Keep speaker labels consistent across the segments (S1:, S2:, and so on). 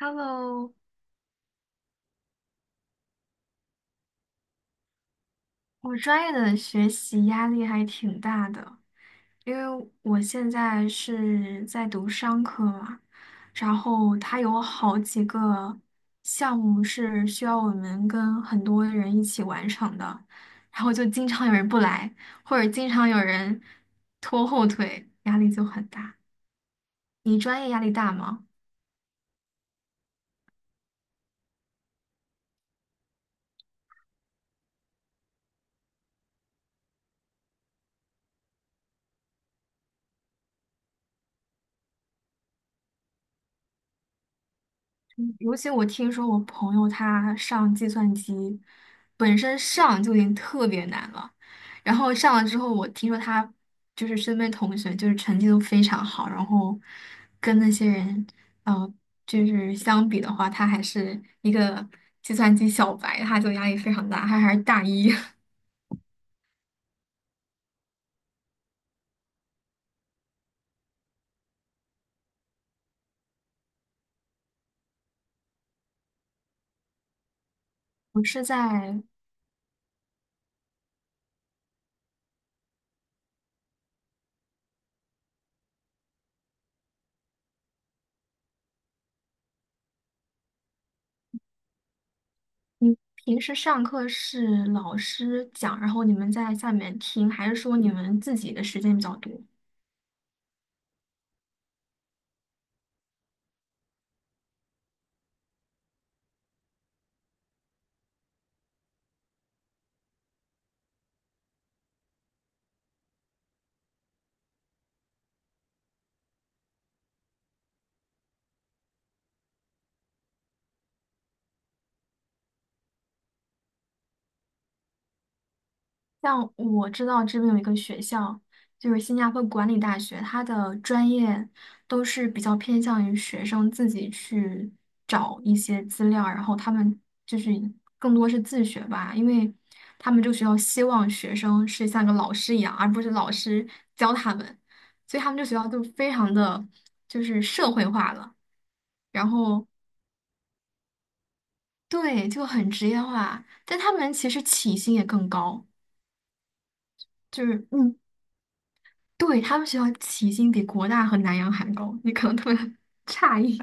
S1: Hello，我专业的学习压力还挺大的，因为我现在是在读商科嘛，然后它有好几个项目是需要我们跟很多人一起完成的，然后就经常有人不来，或者经常有人拖后腿，压力就很大。你专业压力大吗？尤其我听说我朋友他上计算机，本身上就已经特别难了，然后上了之后，我听说他就是身边同学就是成绩都非常好，然后跟那些人，呃，就是相比的话，他还是一个计算机小白，他就压力非常大，他还是大一。我是在，你平时上课是老师讲，然后你们在下面听，还是说你们自己的时间比较多？像我知道这边有一个学校，就是新加坡管理大学，它的专业都是比较偏向于学生自己去找一些资料，然后他们就是更多是自学吧，因为他们这个学校希望学生是像个老师一样，而不是老师教他们，所以他们这个学校就非常的就是社会化了，然后对，就很职业化，但他们其实起薪也更高。就是嗯。对，他们学校起薪比国大和南洋还高，你可能特别 诧异。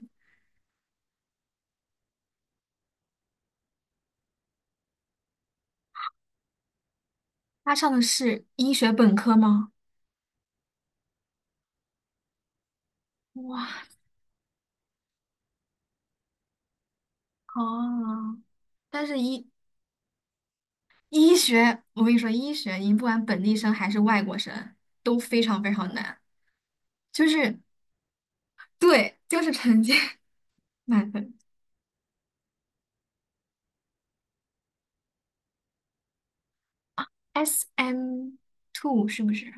S1: 他上的是医学本科吗？哇哦！但是医学，我跟你说，医学你不管本地生还是外国生都非常非常难，就是对，就是成绩 满分。SM2 是不是？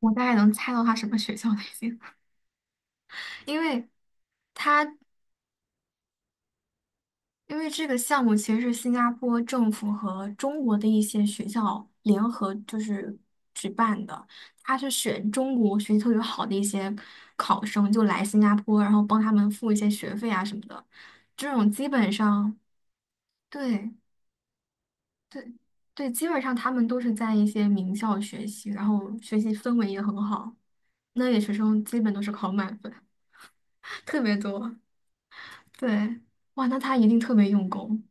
S1: 我大概能猜到他什么学校了已经，因为他因为这个项目其实是新加坡政府和中国的一些学校联合就是举办的，他是选中国学习特别好的一些考生就来新加坡，然后帮他们付一些学费啊什么的。这种基本上，对对对，基本上他们都是在一些名校学习，然后学习氛围也很好，那里学生基本都是考满分，特别多。对，哇，那他一定特别用功，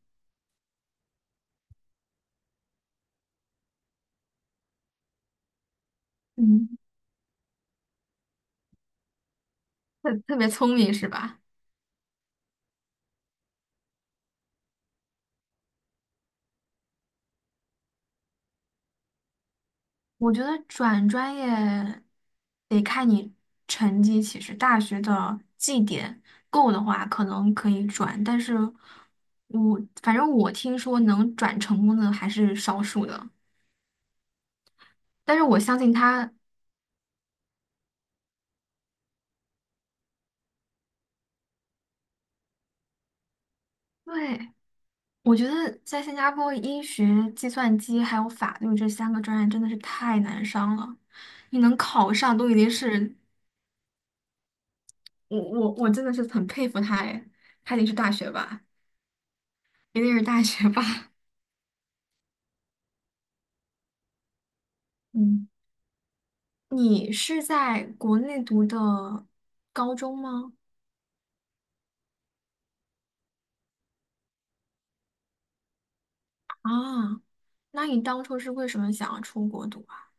S1: 嗯，特别聪明是吧？我觉得转专业得看你成绩，其实大学的绩点够的话，可能可以转，但是我反正我听说能转成功的还是少数的，但是我相信他，对，我觉得在新加坡，医学、计算机还有法律这三个专业真的是太难上了，你能考上都已经是，我真的是很佩服他哎，他得是大学霸，一定是大学霸，嗯。你是在国内读的高中吗？啊，那你当初是为什么想要出国读啊？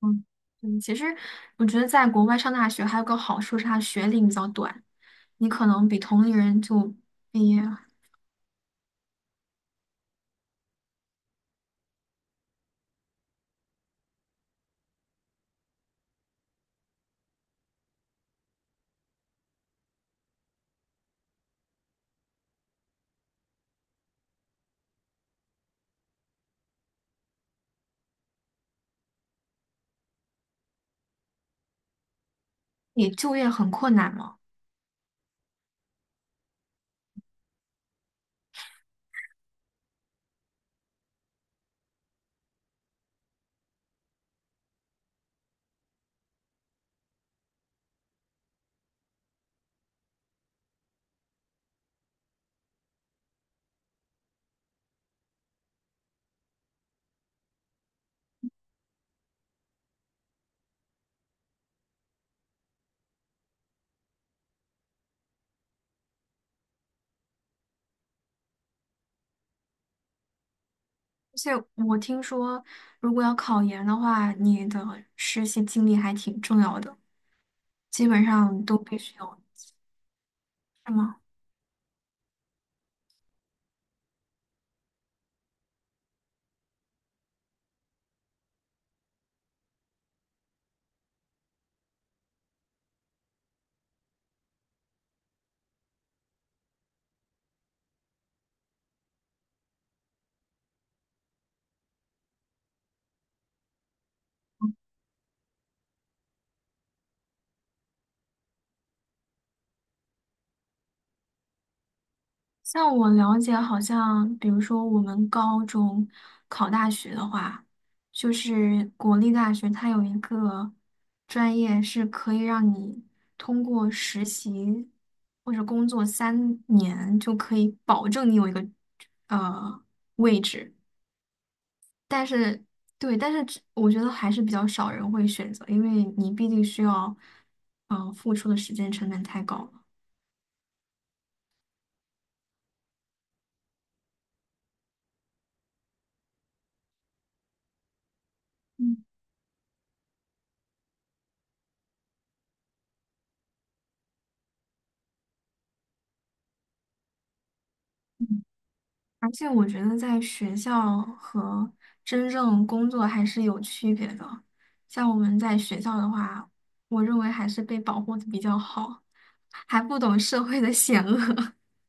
S1: 嗯嗯，其实我觉得在国外上大学还有个好处是它学历比较短，你可能比同龄人就毕业，你就业很困难嘛。而且我听说，如果要考研的话，你的实习经历还挺重要的，基本上都必须要，是吗？像我了解，好像比如说我们高中考大学的话，就是国立大学它有一个专业是可以让你通过实习或者工作三年就可以保证你有一个呃位置，但是对，但是只我觉得还是比较少人会选择，因为你毕竟需要付出的时间成本太高了。嗯嗯。而且我觉得在学校和真正工作还是有区别的。像我们在学校的话，我认为还是被保护的比较好，还不懂社会的险恶，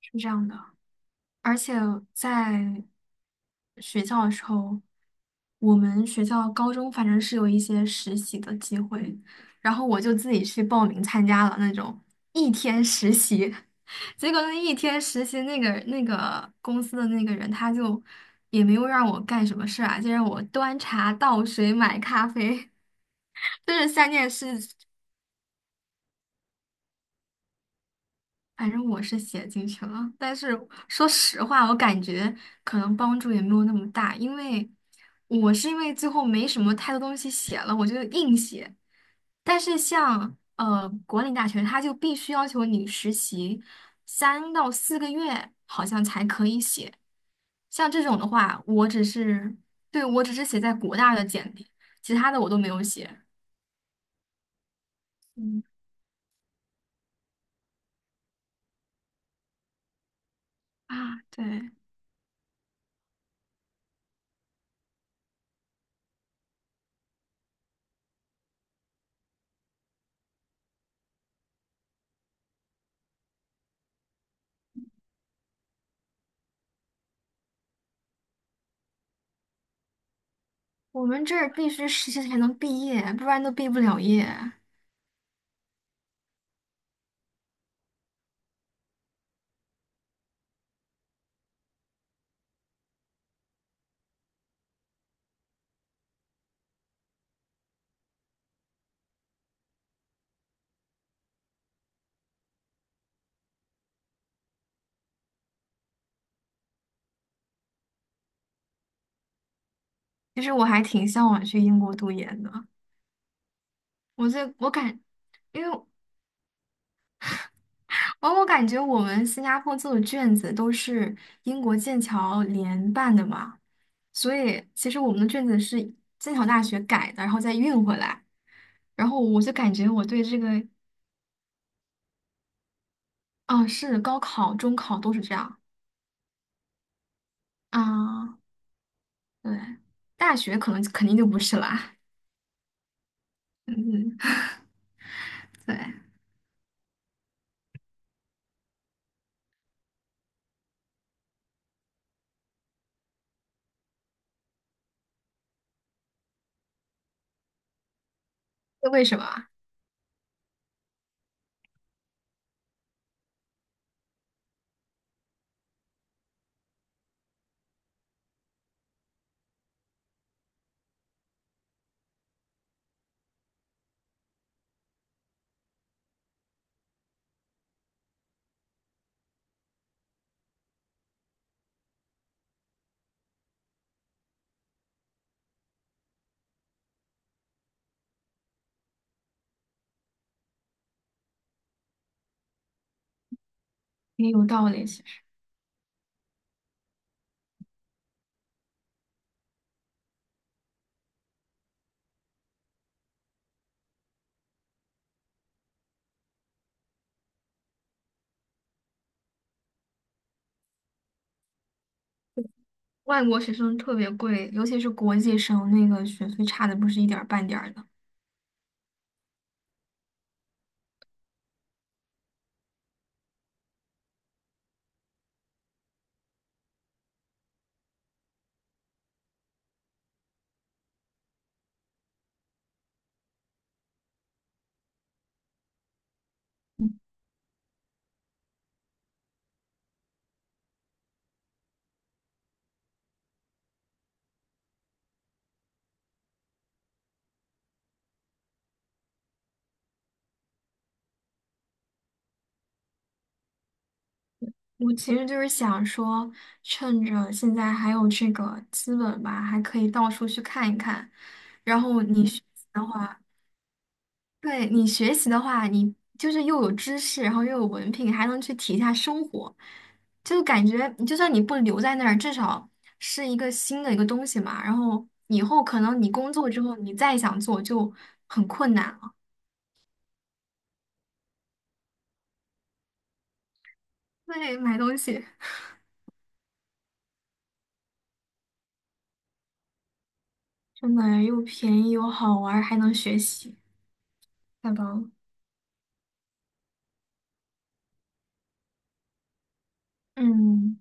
S1: 是这样的。而且在学校的时候，我们学校高中反正是有一些实习的机会，然后我就自己去报名参加了那种一天实习，结果那一天实习那个公司的那个人他就也没有让我干什么事儿啊，就让我端茶倒水买咖啡，就是三件事，反正我是写进去了，但是说实话，我感觉可能帮助也没有那么大，因为我是因为最后没什么太多东西写了，我就硬写。但是像国领大学，它就必须要求你实习3到4个月，好像才可以写。像这种的话，我只是，对，我只是写在国大的简历，其他的我都没有写。嗯，啊，对，我们这儿必须实习才能毕业，不然都毕不了业。其实我还挺向往去英国读研的，我这，我感，因为我感觉我们新加坡做的卷子都是英国剑桥联办的嘛，所以其实我们的卷子是剑桥大学改的，然后再运回来。然后我就感觉我对这个，啊，是高考、中考都是这样啊，对，大学可能肯定就不是啦，嗯，对，这为什么啊也有道理，其实外国学生特别贵，尤其是国际生，那个学费差的不是一点儿半点儿的。我其实就是想说，趁着现在还有这个资本吧，还可以到处去看一看。然后你学习的话，对你学习的话，你就是又有知识，然后又有文凭，还能去体验一下生活，就感觉就算你不留在那儿，至少是一个新的一个东西嘛。然后以后可能你工作之后，你再想做就很困难了。对，买东西真的又便宜又好玩儿，还能学习，太棒了。嗯。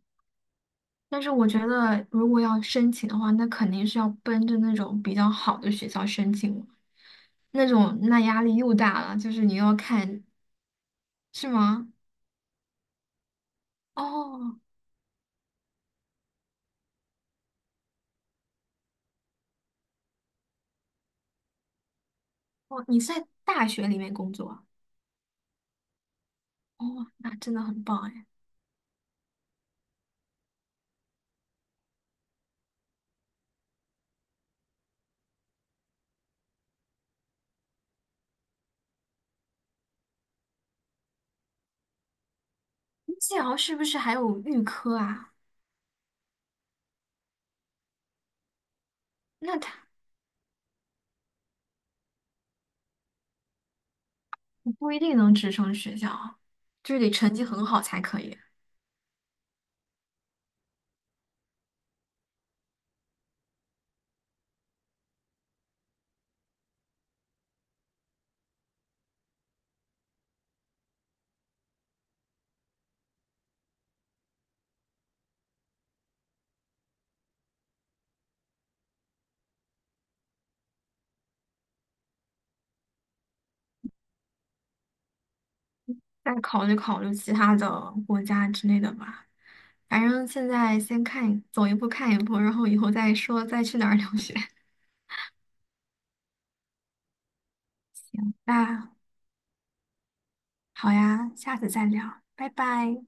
S1: 但是我觉得，如果要申请的话，那肯定是要奔着那种比较好的学校申请了那种那压力又大了，就是你要看，是吗？哦，哦，你是在大学里面工作啊哦，那真的很棒哎。技疗是不是还有预科啊？那他不一定能直升学校啊就是得成绩很好才可以。再考虑考虑其他的国家之类的吧。反正现在先看，走一步看一步，然后以后再说再去哪儿留学。那好呀，下次再聊，拜拜。